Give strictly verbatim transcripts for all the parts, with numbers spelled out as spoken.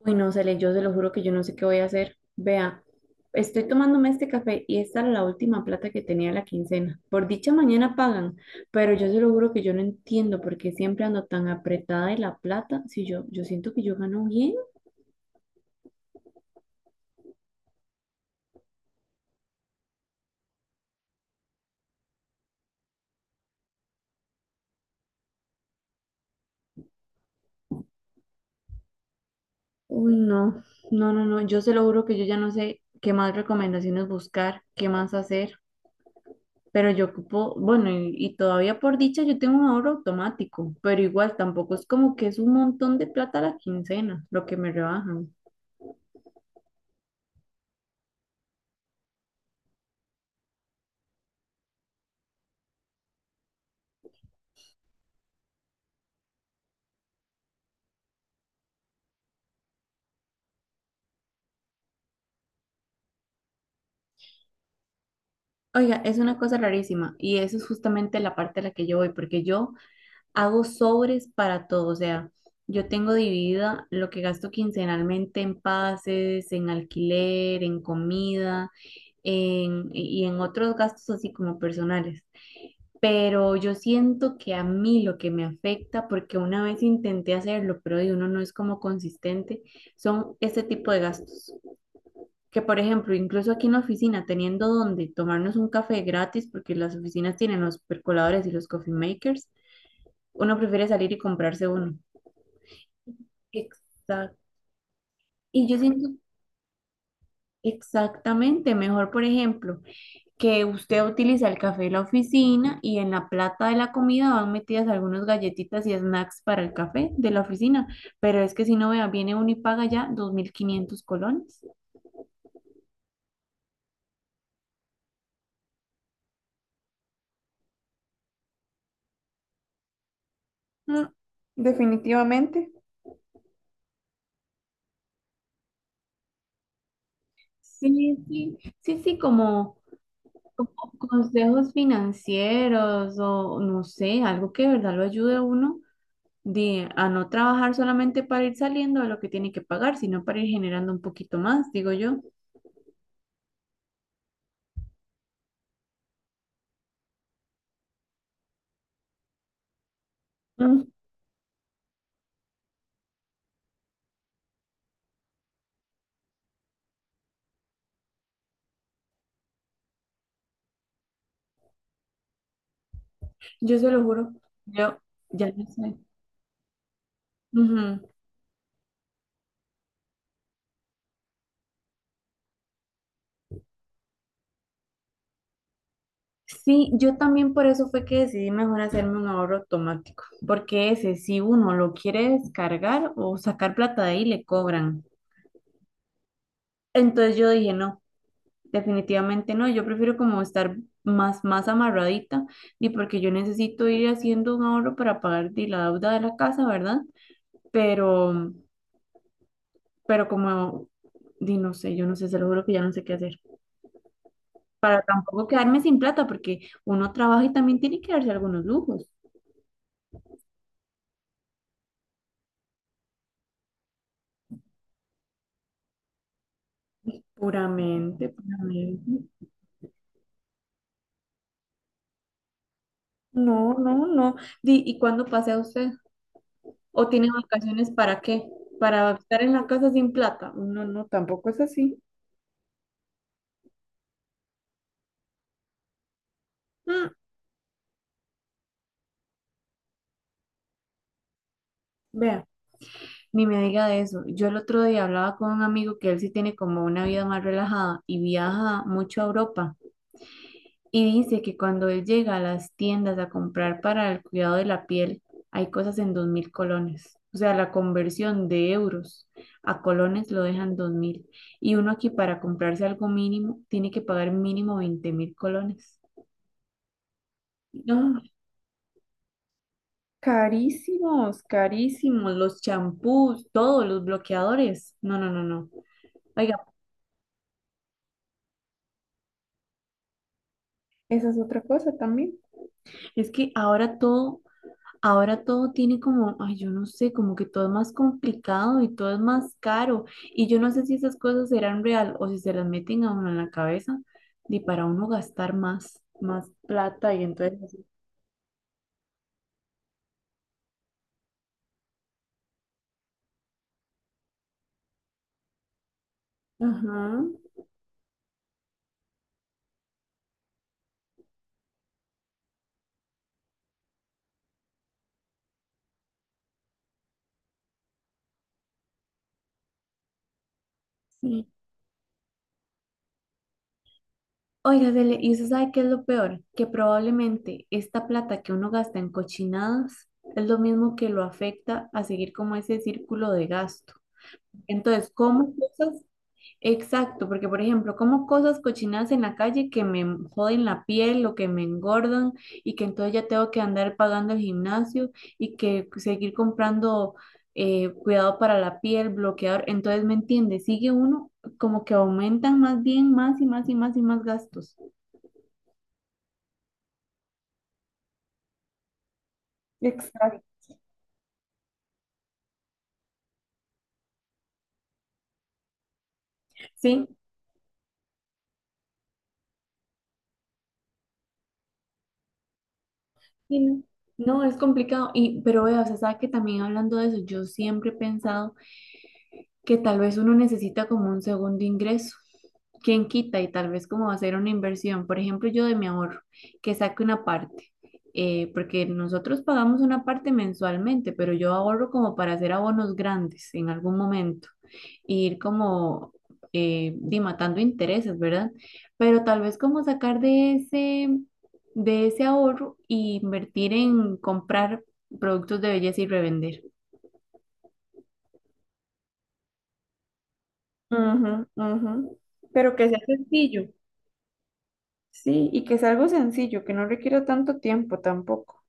Uy, no, Cele, yo se lo juro que yo no sé qué voy a hacer. Vea, estoy tomándome este café y esta era la última plata que tenía de la quincena. Por dicha mañana pagan, pero yo se lo juro que yo no entiendo por qué siempre ando tan apretada de la plata si yo, yo siento que yo gano bien. Uy, no, no, no, no, yo se lo juro que yo ya no sé qué más recomendaciones buscar, qué más hacer, pero yo ocupo, bueno, y, y todavía por dicha yo tengo un ahorro automático, pero igual tampoco es como que es un montón de plata a la quincena, lo que me rebajan. Oiga, es una cosa rarísima y eso es justamente la parte a la que yo voy, porque yo hago sobres para todo, o sea, yo tengo dividida lo que gasto quincenalmente en pases, en alquiler, en comida, en, y en otros gastos así como personales. Pero yo siento que a mí lo que me afecta, porque una vez intenté hacerlo, pero de uno no es como consistente, son este tipo de gastos que por ejemplo, incluso aquí en la oficina, teniendo donde tomarnos un café gratis, porque las oficinas tienen los percoladores y los coffee makers, uno prefiere salir y comprarse uno. Exacto. Y yo siento exactamente mejor, por ejemplo, que usted utiliza el café de la oficina y en la plata de la comida van metidas algunas galletitas y snacks para el café de la oficina. Pero es que si no vea, viene uno y paga ya dos mil quinientos colones. Mm, definitivamente. Sí, sí, sí, sí, como, como consejos financieros o no sé, algo que de verdad lo ayude a uno de a no trabajar solamente para ir saliendo de lo que tiene que pagar, sino para ir generando un poquito más, digo yo. Mm, yo se lo juro, yo ya no sé. Ujú. Sí, yo también por eso fue que decidí mejor hacerme un ahorro automático, porque ese si uno lo quiere descargar o sacar plata de ahí le cobran. Entonces yo dije, no, definitivamente no, yo prefiero como estar más, más amarradita y porque yo necesito ir haciendo un ahorro para pagar di, la deuda de la casa, ¿verdad? Pero pero como, di, no sé, yo no sé, se lo juro que ya no sé qué hacer. Para tampoco quedarme sin plata, porque uno trabaja y también tiene que darse algunos lujos. Puramente, puramente. No, no, no. Di, ¿y cuándo pasea usted? ¿O tiene vacaciones para qué? ¿Para estar en la casa sin plata? No, no, tampoco es así. Mm, Vea, ni me diga de eso. Yo el otro día hablaba con un amigo que él sí tiene como una vida más relajada y viaja mucho a Europa. Y dice que cuando él llega a las tiendas a comprar para el cuidado de la piel, hay cosas en dos mil colones. O sea, la conversión de euros a colones lo dejan dos mil. Y uno aquí para comprarse algo mínimo tiene que pagar mínimo veinte mil colones. No, carísimos, carísimos. Los champús, todos los bloqueadores. No, no, no, no. Oiga, esa es otra cosa también. Es que ahora todo Ahora todo tiene como, ay, yo no sé, como que todo es más complicado y todo es más caro. Y yo no sé si esas cosas serán real o si se las meten a uno en la cabeza y para uno gastar más, más plata y entonces así. Ajá, sí. Oiga, Cele, ¿y usted sabe qué es lo peor? Que probablemente esta plata que uno gasta en cochinadas es lo mismo que lo afecta a seguir como ese círculo de gasto. Entonces, como cosas exacto, porque por ejemplo, como cosas cochinadas en la calle que me joden la piel o que me engordan y que entonces ya tengo que andar pagando el gimnasio y que seguir comprando eh, cuidado para la piel, bloqueador, entonces me entiende, sigue uno como que aumentan más bien más y más y más y más gastos. Exacto. Sí, sí, no, no, es complicado. Y, pero vea, o sea, sabe que también hablando de eso, yo siempre he pensado que tal vez uno necesita como un segundo ingreso. ¿Quién quita? Y tal vez como hacer una inversión. Por ejemplo, yo de mi ahorro, que saque una parte, eh, porque nosotros pagamos una parte mensualmente, pero yo ahorro como para hacer abonos grandes en algún momento, e ir como eh, di, matando intereses, ¿verdad? Pero tal vez como sacar de ese, de ese ahorro e invertir en comprar productos de belleza y revender. Ujú, ujú. Pero que sea sencillo. Sí, y que es algo sencillo, que no requiera tanto tiempo tampoco.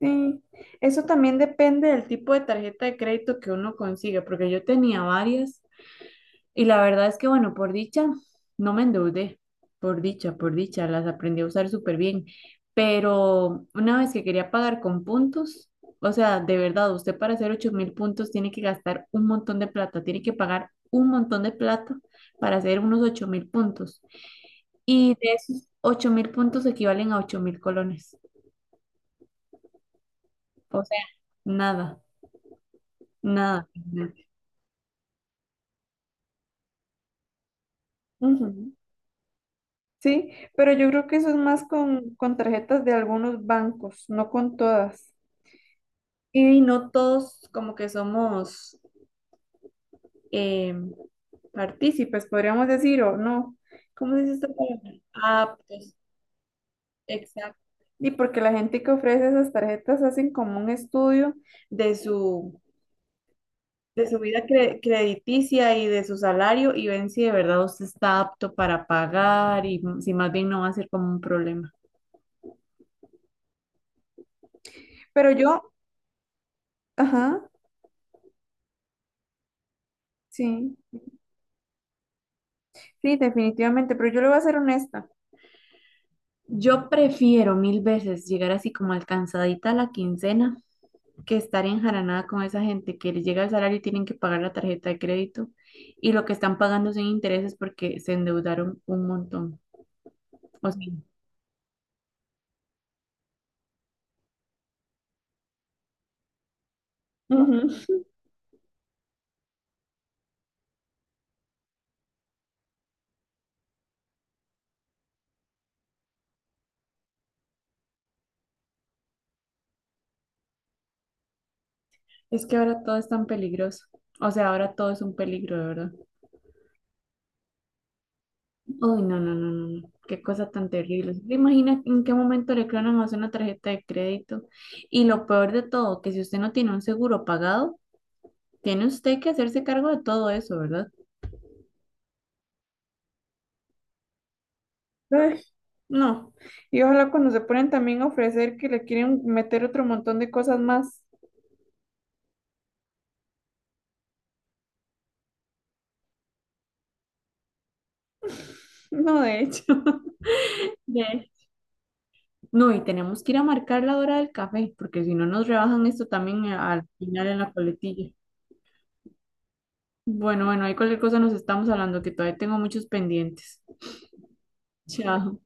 Sí, eso también depende del tipo de tarjeta de crédito que uno consiga, porque yo tenía varias. Y la verdad es que, bueno, por dicha, no me endeudé, por dicha, por dicha, las aprendí a usar súper bien, pero una vez que quería pagar con puntos, o sea, de verdad, usted para hacer ocho mil puntos tiene que gastar un montón de plata, tiene que pagar un montón de plata para hacer unos ocho mil puntos. Y de esos ocho mil puntos equivalen a ocho mil colones, o sea, nada, nada. Nada. Ujú. Sí, pero yo creo que eso es más con, con tarjetas de algunos bancos, no con todas. Y no todos como que somos eh, partícipes, podríamos decir, o no. ¿Cómo se dice esta palabra? Aptos. Exacto. Y porque la gente que ofrece esas tarjetas hacen como un estudio de su, De su vida cre- crediticia y de su salario y ven si de verdad usted está apto para pagar y si más bien no va a ser como un problema. Pero yo, ajá, sí. Sí, definitivamente, pero yo le voy a ser honesta. Yo prefiero mil veces llegar así como alcanzadita a la quincena que estar enjaranada con esa gente que les llega el salario y tienen que pagar la tarjeta de crédito y lo que están pagando son intereses porque se endeudaron un montón. O sea, ujú, es que ahora todo es tan peligroso. O sea, ahora todo es un peligro, de verdad. Uy, no, no, no, no, no. Qué cosa tan terrible. ¿Se imagina en qué momento le clonan a usted una tarjeta de crédito? Y lo peor de todo, que si usted no tiene un seguro pagado, tiene usted que hacerse cargo de todo eso, ¿verdad? Ay, no. Y ojalá cuando se ponen también a ofrecer que le quieren meter otro montón de cosas más. No, de hecho. De- No, y tenemos que ir a marcar la hora del café, porque si no nos rebajan esto también a- al final en la coletilla. Bueno, bueno, ahí cualquier cosa nos estamos hablando, que todavía tengo muchos pendientes. Chao.